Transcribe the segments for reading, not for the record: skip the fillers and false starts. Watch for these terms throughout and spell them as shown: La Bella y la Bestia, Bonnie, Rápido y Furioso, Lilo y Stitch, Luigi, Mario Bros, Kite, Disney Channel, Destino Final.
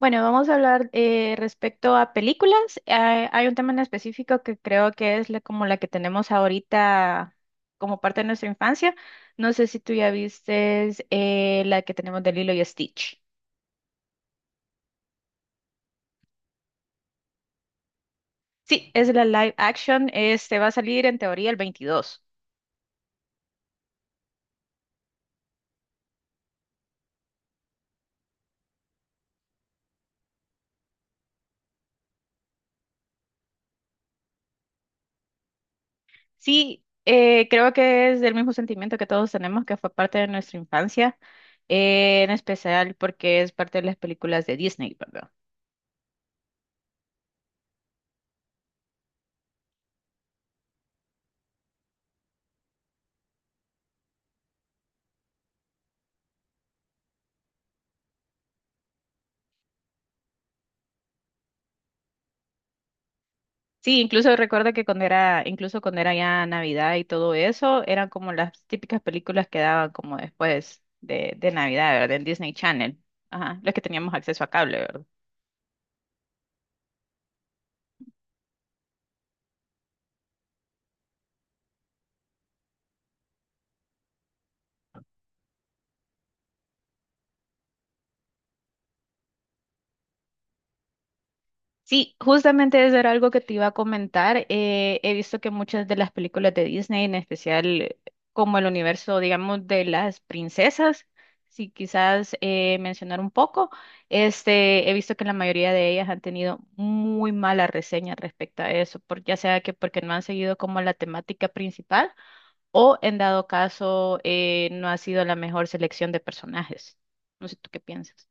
Bueno, vamos a hablar respecto a películas. Hay un tema en específico que creo que es como la que tenemos ahorita como parte de nuestra infancia. No sé si tú ya viste la que tenemos de Lilo y Stitch. Sí, es la live action. Este va a salir en teoría el 22. Sí, creo que es del mismo sentimiento que todos tenemos, que fue parte de nuestra infancia, en especial porque es parte de las películas de Disney, ¿verdad? Sí, incluso recuerdo que incluso cuando era ya Navidad y todo eso, eran como las típicas películas que daban como después de Navidad, ¿verdad? En Disney Channel. Ajá, los que teníamos acceso a cable, ¿verdad? Sí, justamente eso era algo que te iba a comentar. He visto que muchas de las películas de Disney, en especial como el universo, digamos, de las princesas, si quizás mencionar un poco, este, he visto que la mayoría de ellas han tenido muy mala reseña respecto a eso, ya sea que porque no han seguido como la temática principal o en dado caso no ha sido la mejor selección de personajes. No sé tú qué piensas.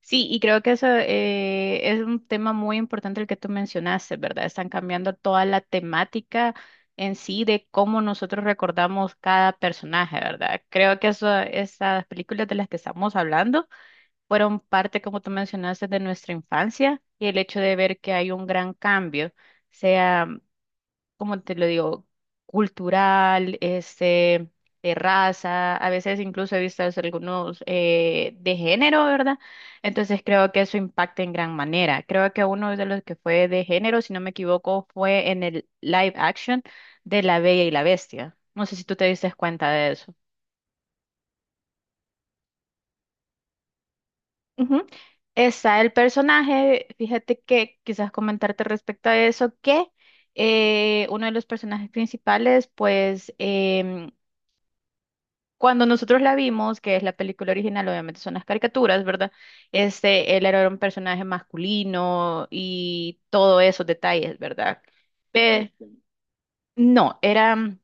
Sí, y creo que eso es un tema muy importante el que tú mencionaste, ¿verdad? Están cambiando toda la temática en sí de cómo nosotros recordamos cada personaje, ¿verdad? Creo que eso, esas películas de las que estamos hablando fueron parte, como tú mencionaste, de nuestra infancia y el hecho de ver que hay un gran cambio. Sea como te lo digo, cultural, este, de raza, a veces incluso he visto algunos de género, ¿verdad? Entonces creo que eso impacta en gran manera. Creo que uno de los que fue de género, si no me equivoco, fue en el live action de La Bella y la Bestia. No sé si tú te diste cuenta de eso. Ujú. Está el personaje, fíjate que quizás comentarte respecto a eso, que uno de los personajes principales, pues cuando nosotros la vimos, que es la película original, obviamente son las caricaturas, ¿verdad? Este, él era un personaje masculino y todos esos detalles, ¿verdad? Pe- no, era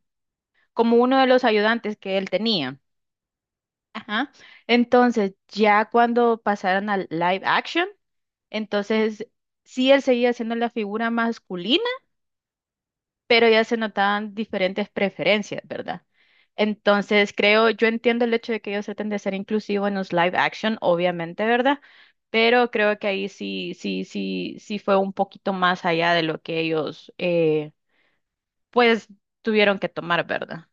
como uno de los ayudantes que él tenía. Ajá. Entonces, ya cuando pasaron al live action, entonces sí él seguía siendo la figura masculina pero ya se notaban diferentes preferencias, ¿verdad? Entonces, creo, yo entiendo el hecho de que ellos traten de ser inclusivos en los live action, obviamente, ¿verdad? Pero creo que ahí sí fue un poquito más allá de lo que ellos, pues, tuvieron que tomar, ¿verdad?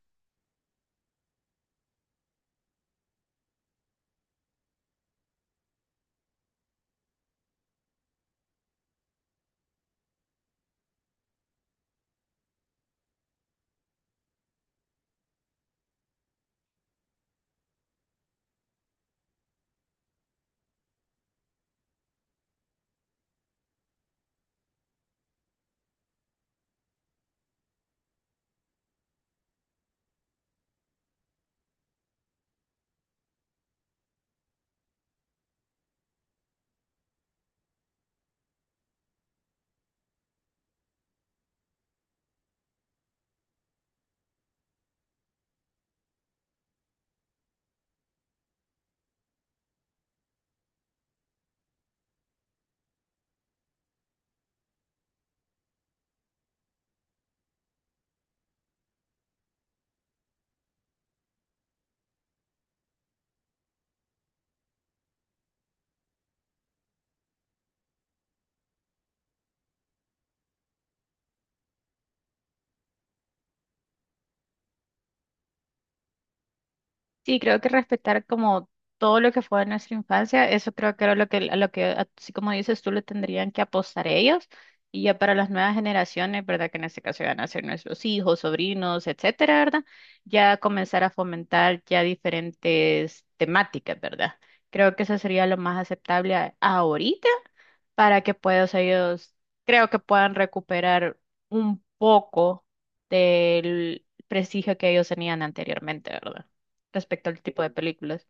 Sí, creo que respetar como todo lo que fue de nuestra infancia, eso creo que era lo que, a lo que, así como dices tú, le tendrían que apostar ellos. Y ya para las nuevas generaciones, ¿verdad? Que en este caso van a ser nuestros hijos, sobrinos, etcétera, ¿verdad? Ya comenzar a fomentar ya diferentes temáticas, ¿verdad? Creo que eso sería lo más aceptable ahorita para que puedan, o sea, ellos creo que puedan recuperar un poco del prestigio que ellos tenían anteriormente, ¿verdad? Respecto al tipo de películas.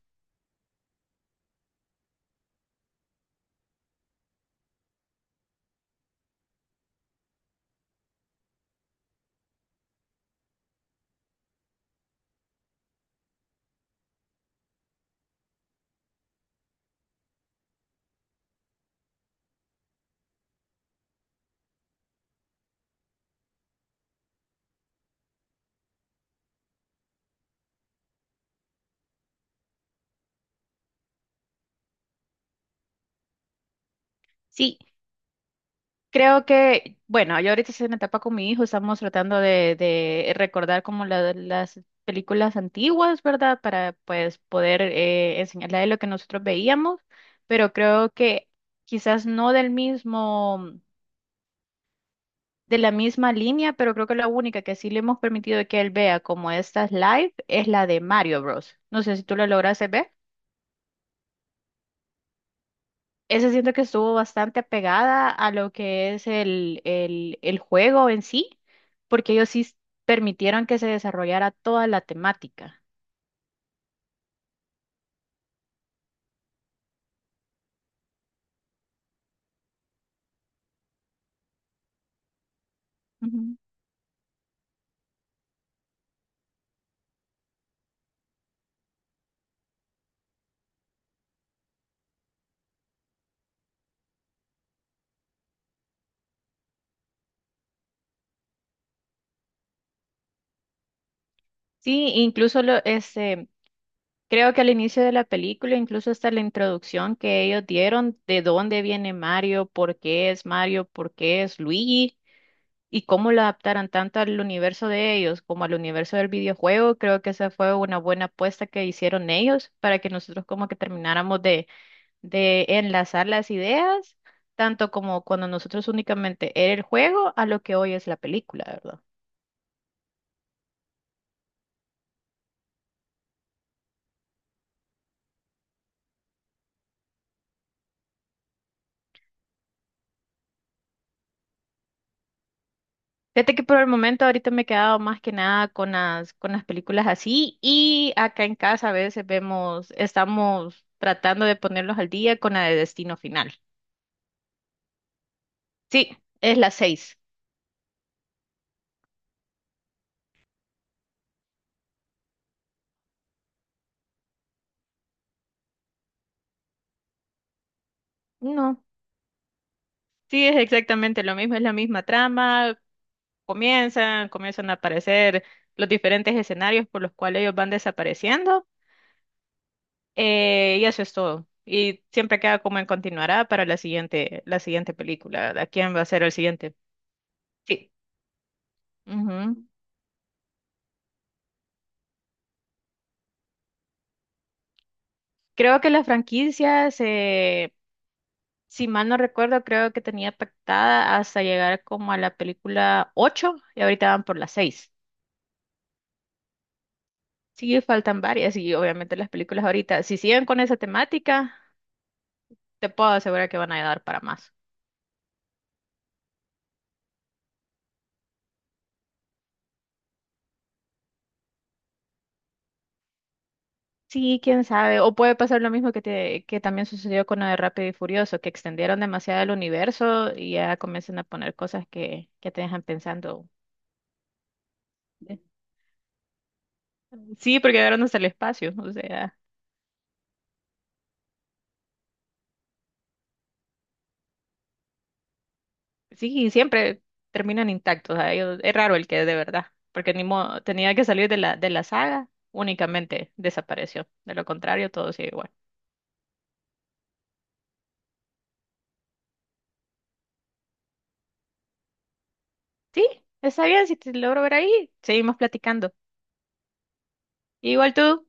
Sí, creo que, bueno, yo ahorita estoy en etapa con mi hijo, estamos tratando de recordar como las películas antiguas, ¿verdad? Para pues poder enseñarle a él lo que nosotros veíamos, pero creo que quizás no del mismo. De la misma línea, pero creo que la única que sí le hemos permitido que él vea como estas live es la de Mario Bros. No sé si tú la lograste ver. Esa siento que estuvo bastante pegada a lo que es el juego en sí, porque ellos sí permitieron que se desarrollara toda la temática. Ujú. Sí, incluso lo, este, creo que al inicio de la película, incluso hasta la introducción que ellos dieron de dónde viene Mario, por qué es Mario, por qué es Luigi. Y cómo lo adaptaran tanto al universo de ellos como al universo del videojuego, creo que esa fue una buena apuesta que hicieron ellos para que nosotros como que termináramos de, enlazar las ideas, tanto como cuando nosotros únicamente era el juego a lo que hoy es la película, ¿verdad? Fíjate que por el momento ahorita me he quedado más que nada con las películas así y acá en casa a veces vemos, estamos tratando de ponerlos al día con la de Destino Final. Sí, es la seis. No. Sí, es exactamente lo mismo, es la misma trama, comienzan, comienzan a aparecer los diferentes escenarios por los cuales ellos van desapareciendo, y eso es todo. Y siempre queda como en continuará para la siguiente película, ¿verdad? ¿Quién va a ser el siguiente? Sí. Ujú. Creo que la franquicia se, si mal no recuerdo, creo que tenía pactada hasta llegar como a la película 8 y ahorita van por la 6. Sí, faltan varias y obviamente las películas ahorita, si siguen con esa temática, te puedo asegurar que van a dar para más. Sí, quién sabe. O puede pasar lo mismo que también sucedió con lo de Rápido y Furioso, que extendieron demasiado el universo y ya comienzan a poner cosas que te dejan pensando. eh, Sí, porque llegaron hasta el espacio. O sea, sí, siempre terminan intactos. Es raro el que es de verdad, porque ni modo, tenía que salir de la, saga, únicamente desapareció. De lo contrario, todo sigue igual. Sí, está bien, si te logro ver ahí, seguimos platicando. Igual tú.